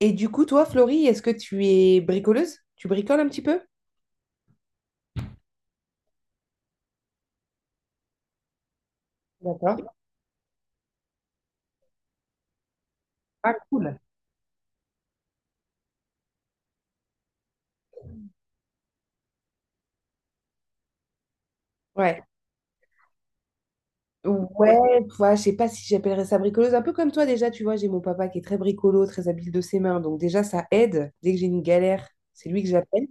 Et du coup, toi, Florie, est-ce que tu es bricoleuse? Tu bricoles un petit peu? D'accord. Ah, cool. Ouais. Ouais, tu vois, je sais pas si j'appellerais ça bricoleuse. Un peu comme toi, déjà, tu vois, j'ai mon papa qui est très bricolo, très habile de ses mains. Donc, déjà, ça aide. Dès que j'ai une galère, c'est lui que j'appelle.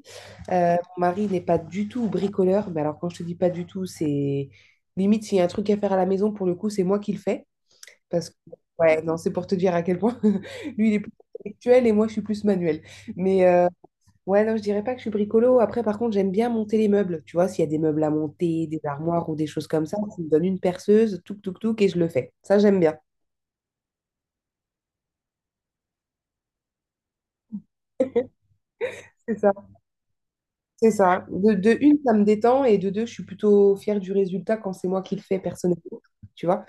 Mon mari n'est pas du tout bricoleur. Mais alors, quand je te dis pas du tout, c'est limite s'il y a un truc à faire à la maison, pour le coup, c'est moi qui le fais. Parce que, ouais, non, c'est pour te dire à quel point lui, il est plus intellectuel et moi, je suis plus manuel. Mais, euh, Ouais, non, je dirais pas que je suis bricolo. Après, par contre, j'aime bien monter les meubles. Tu vois, s'il y a des meubles à monter, des armoires ou des choses comme ça, tu me donnes une perceuse, touc, touc, touc, et je le fais. Ça, j'aime bien. C'est ça. C'est ça. De une, ça me détend, et de deux, je suis plutôt fière du résultat quand c'est moi qui le fais personnellement. Tu vois?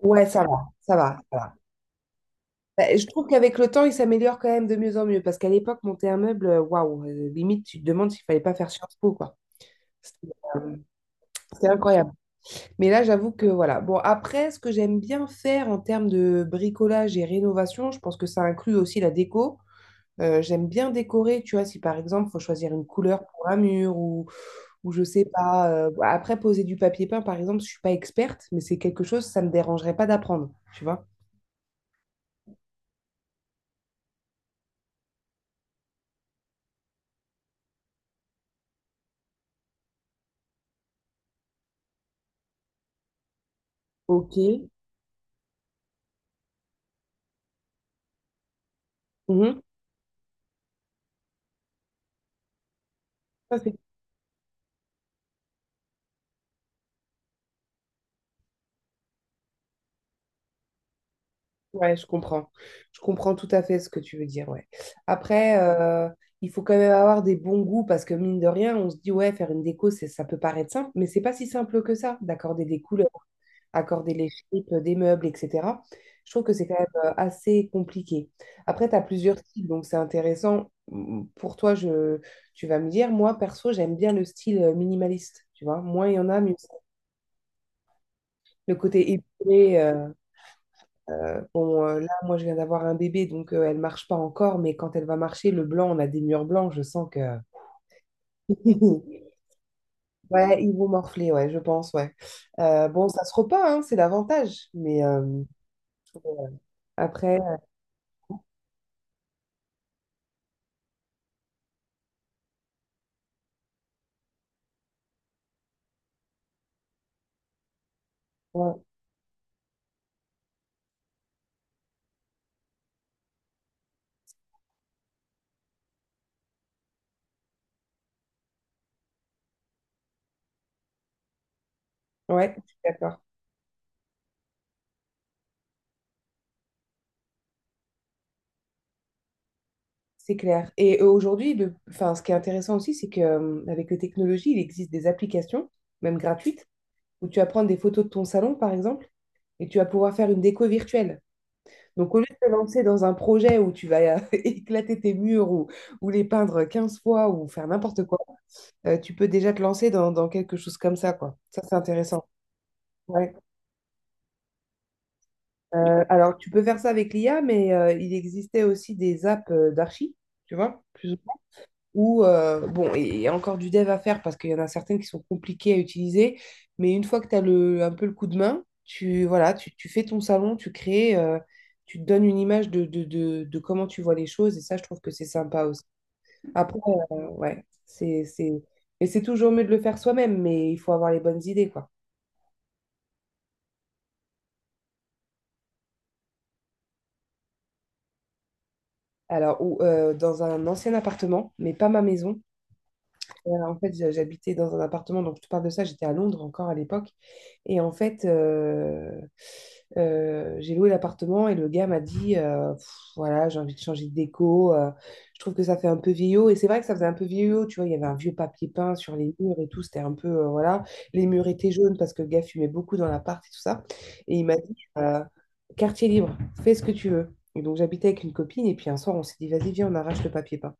Ouais, ça va, ça va, ça va. Bah, je trouve qu'avec le temps, il s'améliore quand même de mieux en mieux. Parce qu'à l'époque, monter un meuble, waouh, limite, tu te demandes s'il fallait pas faire Sciences Po, quoi. C'était euh, c'était incroyable. Mais là, j'avoue que voilà. Bon, après, ce que j'aime bien faire en termes de bricolage et rénovation, je pense que ça inclut aussi la déco. J'aime bien décorer, tu vois, si par exemple, faut choisir une couleur pour un mur ou je sais pas. Après, poser du papier peint, par exemple, je suis pas experte, mais c'est quelque chose, ça me dérangerait pas d'apprendre, tu vois. Ok. Mhm. Ça, c'est ouais, je comprends. Je comprends tout à fait ce que tu veux dire, ouais. Après, euh, il faut quand même avoir des bons goûts parce que mine de rien, on se dit, ouais, faire une déco, ça peut paraître simple, mais c'est pas si simple que ça, d'accorder des couleurs, accorder les shapes des meubles, etc. Je trouve que c'est quand même assez compliqué. Après, tu as plusieurs styles, donc c'est intéressant. Mm, pour tu vas me dire, moi, perso, j'aime bien le style minimaliste, tu vois. Moins il y en a, mieux c'est. Le côté épuré, là, moi, je viens d'avoir un bébé, donc elle marche pas encore, mais quand elle va marcher, le blanc, on a des murs blancs, je sens que... Ouais, ils vont morfler, ouais, je pense, ouais. Bon, ça se repeint, hein, c'est l'avantage, après, euh, ouais, ouais, je suis d'accord, c'est clair. Aujourd'hui, le... enfin, ce qui est intéressant aussi, c'est que avec les technologies, il existe des applications, même gratuites, où tu vas prendre des photos de ton salon, par exemple, et tu vas pouvoir faire une déco virtuelle. Donc, au lieu de te lancer dans un projet où tu vas éclater tes murs ou les peindre 15 fois ou faire n'importe quoi, tu peux déjà te lancer dans quelque chose comme ça, quoi. Ça, c'est intéressant. Ouais. Alors, tu peux faire ça avec l'IA, mais il existait aussi des apps d'archi, tu vois, plus ou, bon, et- il y a encore du dev à faire parce qu'il y en a certaines qui sont compliquées à utiliser, mais une fois que un peu le coup de main, voilà, tu fais ton salon, tu crées, tu te donnes une image de comment tu vois les choses, et ça, je trouve que c'est sympa aussi. Après, ouais, c'est... Mais c'est toujours mieux de le faire soi-même, mais il faut avoir les bonnes idées, quoi. Alors, ou, dans un ancien appartement, mais pas ma maison. Voilà, en fait, j'habitais dans un appartement, donc je te parle de ça, j'étais à Londres encore à l'époque. Et en fait, euh, j'ai loué l'appartement et le gars m'a dit, Pff, voilà, j'ai envie de changer de déco, je trouve que ça fait un peu vieillot. Et c'est vrai que ça faisait un peu vieillot, tu vois, il y avait un vieux papier peint sur les murs et tout, c'était un peu, voilà, les murs étaient jaunes parce que le gars fumait beaucoup dans l'appart et tout ça. Et il m'a dit, quartier libre, fais ce que tu veux. Et donc j'habitais avec une copine et puis un soir, on s'est dit, vas-y, viens, on arrache le papier peint.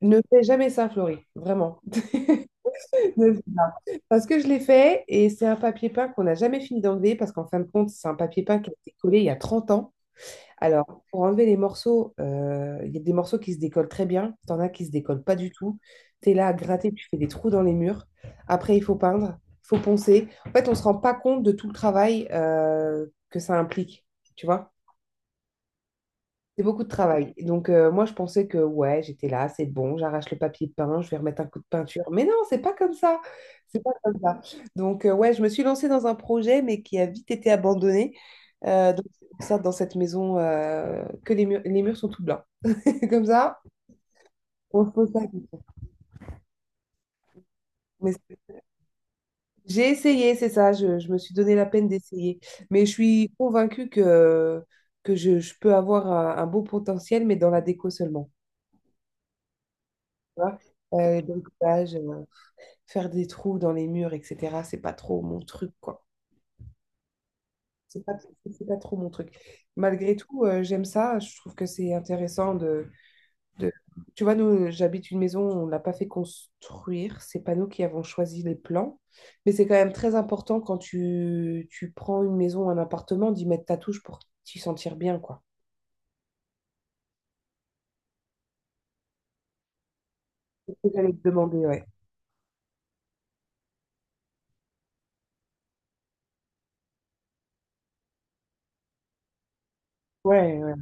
Ne fais jamais ça, Florie, vraiment. Parce que je l'ai fait et c'est un papier peint qu'on n'a jamais fini d'enlever parce qu'en fin de compte, c'est un papier peint qui a été collé il y a 30 ans. Alors, pour enlever les morceaux, il y a des morceaux qui se décollent très bien, t'en as qui se décollent pas du tout. Tu es là à gratter, tu fais des trous dans les murs. Après, il faut peindre, il faut poncer. En fait, on se rend pas compte de tout le travail que ça implique, tu vois? C'est beaucoup de travail. Moi, je pensais que, ouais, j'étais là, c'est bon, j'arrache le papier peint, je vais remettre un coup de peinture. Mais non, c'est pas comme ça. C'est pas comme ça. Ouais, je me suis lancée dans un projet, mais qui a vite été abandonné. Donc, c'est pour ça, dans cette maison, que les murs sont tout blancs. Comme ça, on se pose pas la question. Mais j'ai essayé, c'est ça, je me suis donné la peine d'essayer. Mais je suis convaincue que je peux avoir un beau potentiel, mais dans la déco seulement. Tu vois bricolage, faire des trous dans les murs, etc. C'est pas trop mon truc, quoi. C'est pas, c'est pas trop mon truc. Malgré tout, j'aime ça. Je trouve que c'est intéressant de tu vois, nous, j'habite une maison, on l'a pas fait construire. C'est pas nous qui avons choisi les plans. Mais c'est quand même très important quand tu prends une maison, un appartement, d'y mettre ta touche pour t'y sentir bien, quoi. C'est ce que j'allais te demander, ouais. Ouais, ouais.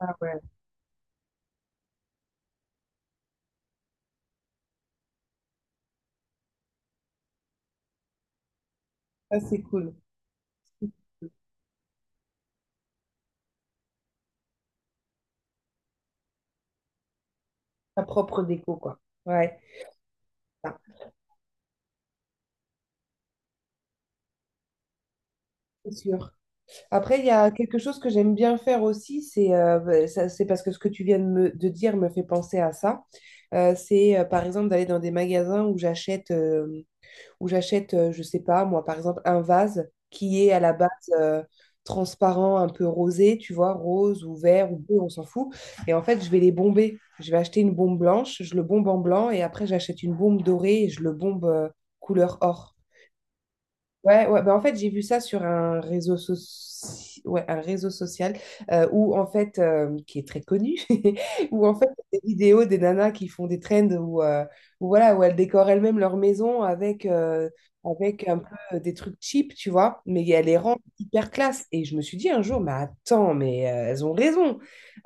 Ah ouais. Ça, c'est cool. Ta propre déco, quoi. Ouais, ça, c'est sûr. Après, il y a quelque chose que j'aime bien faire aussi, c'est bah, c'est parce que ce que tu viens de dire me fait penser à ça. C'est Par exemple d'aller dans des magasins où j'achète, je sais pas, moi par exemple, un vase qui est à la base euh, transparent, un peu rosé, tu vois, rose ou vert ou bleu, on s'en fout. Et en fait, je vais les bomber. Je vais acheter une bombe blanche, je le bombe en blanc et après, j'achète une bombe dorée et je le bombe couleur or. Ouais, ouais, bah en fait, j'ai vu ça sur un ouais, un réseau social où, en fait, qui est très connu, où, en fait, des vidéos des nanas qui font des trends où, voilà, où elles décorent elles-mêmes leur maison avec un peu des trucs cheap, tu vois, mais elles les rendent hyper classe. Et je me suis dit un jour, mais attends, elles ont raison.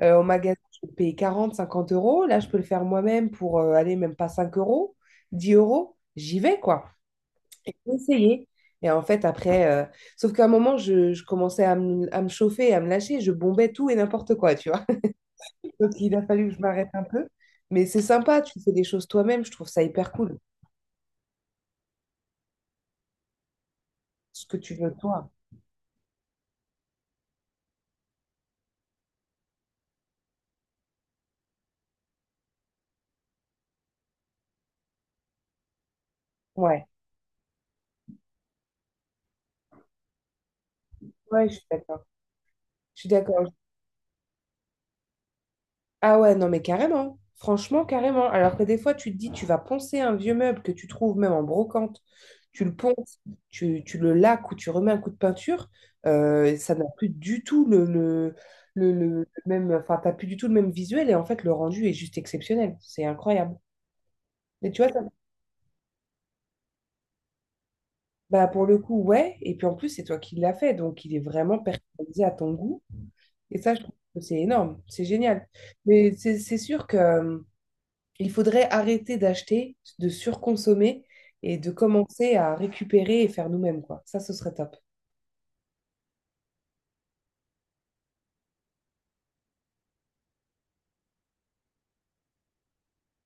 Au magasin, je peux payer 40, 50 euros. Là, je peux le faire moi-même pour aller même pas 5 euros, 10 euros. J'y vais, quoi. J'ai essayé. Et en fait, après, euh, Sauf qu'à un moment, je commençais à à me chauffer, à me lâcher, je bombais tout et n'importe quoi, tu vois. Donc, il a fallu que je m'arrête un peu. Mais c'est sympa, tu fais des choses toi-même, je trouve ça hyper cool, ce que tu veux toi. Ouais, ouais, je suis d'accord. Je suis d'accord. Ah ouais, non, mais carrément. Franchement, carrément. Alors que des fois, tu te dis, tu vas poncer un vieux meuble que tu trouves même en brocante, tu le ponces, tu le laques ou tu remets un coup de peinture, ça n'a plus du tout le même, enfin, t'as plus du tout le même visuel et en fait, le rendu est juste exceptionnel. C'est incroyable. Mais tu vois, bah, pour le coup, ouais. Et puis en plus, c'est toi qui l'as fait, donc il est vraiment personnalisé à ton goût. Et ça, je trouve que c'est énorme. C'est génial. Mais c'est sûr que il faudrait arrêter d'acheter, de surconsommer et de commencer à récupérer et faire nous-mêmes, quoi. Ça, ce serait top.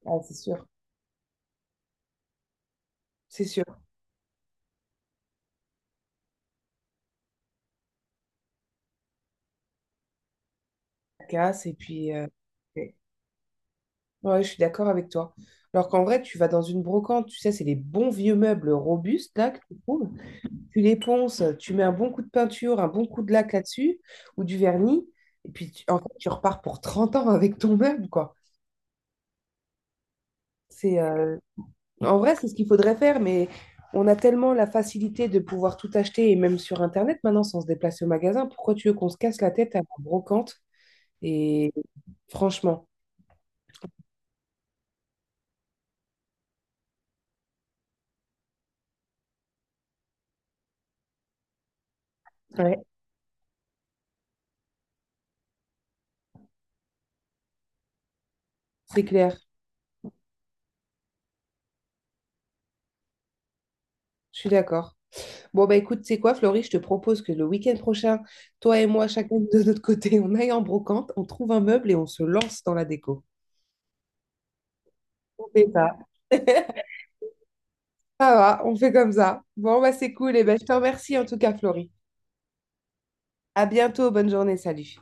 Ah, c'est sûr. C'est sûr. Ça casse et puis... ouais, ouais, je suis d'accord avec toi. Alors qu'en vrai, tu vas dans une brocante, tu sais, c'est les bons vieux meubles robustes, là, que tu trouves. Tu les ponces, tu mets un bon coup de peinture, un bon coup de laque là-dessus, ou du vernis, et puis, en fait, tu repars pour 30 ans avec ton meuble, quoi. C'est En vrai, c'est ce qu'il faudrait faire, mais on a tellement la facilité de pouvoir tout acheter, et même sur Internet maintenant, sans se déplacer au magasin. Pourquoi tu veux qu'on se casse la tête à la brocante? Et franchement, ouais, c'est clair, je suis d'accord. Bon, bah écoute, c'est quoi, Florie, je te propose que le week-end prochain, toi et moi, chacun de notre côté, on aille en brocante, on trouve un meuble et on se lance dans la déco. On fait ça. Ça va, on fait comme ça. Bon, bah c'est cool, et ben je te remercie en tout cas, Florie. À bientôt, bonne journée, salut.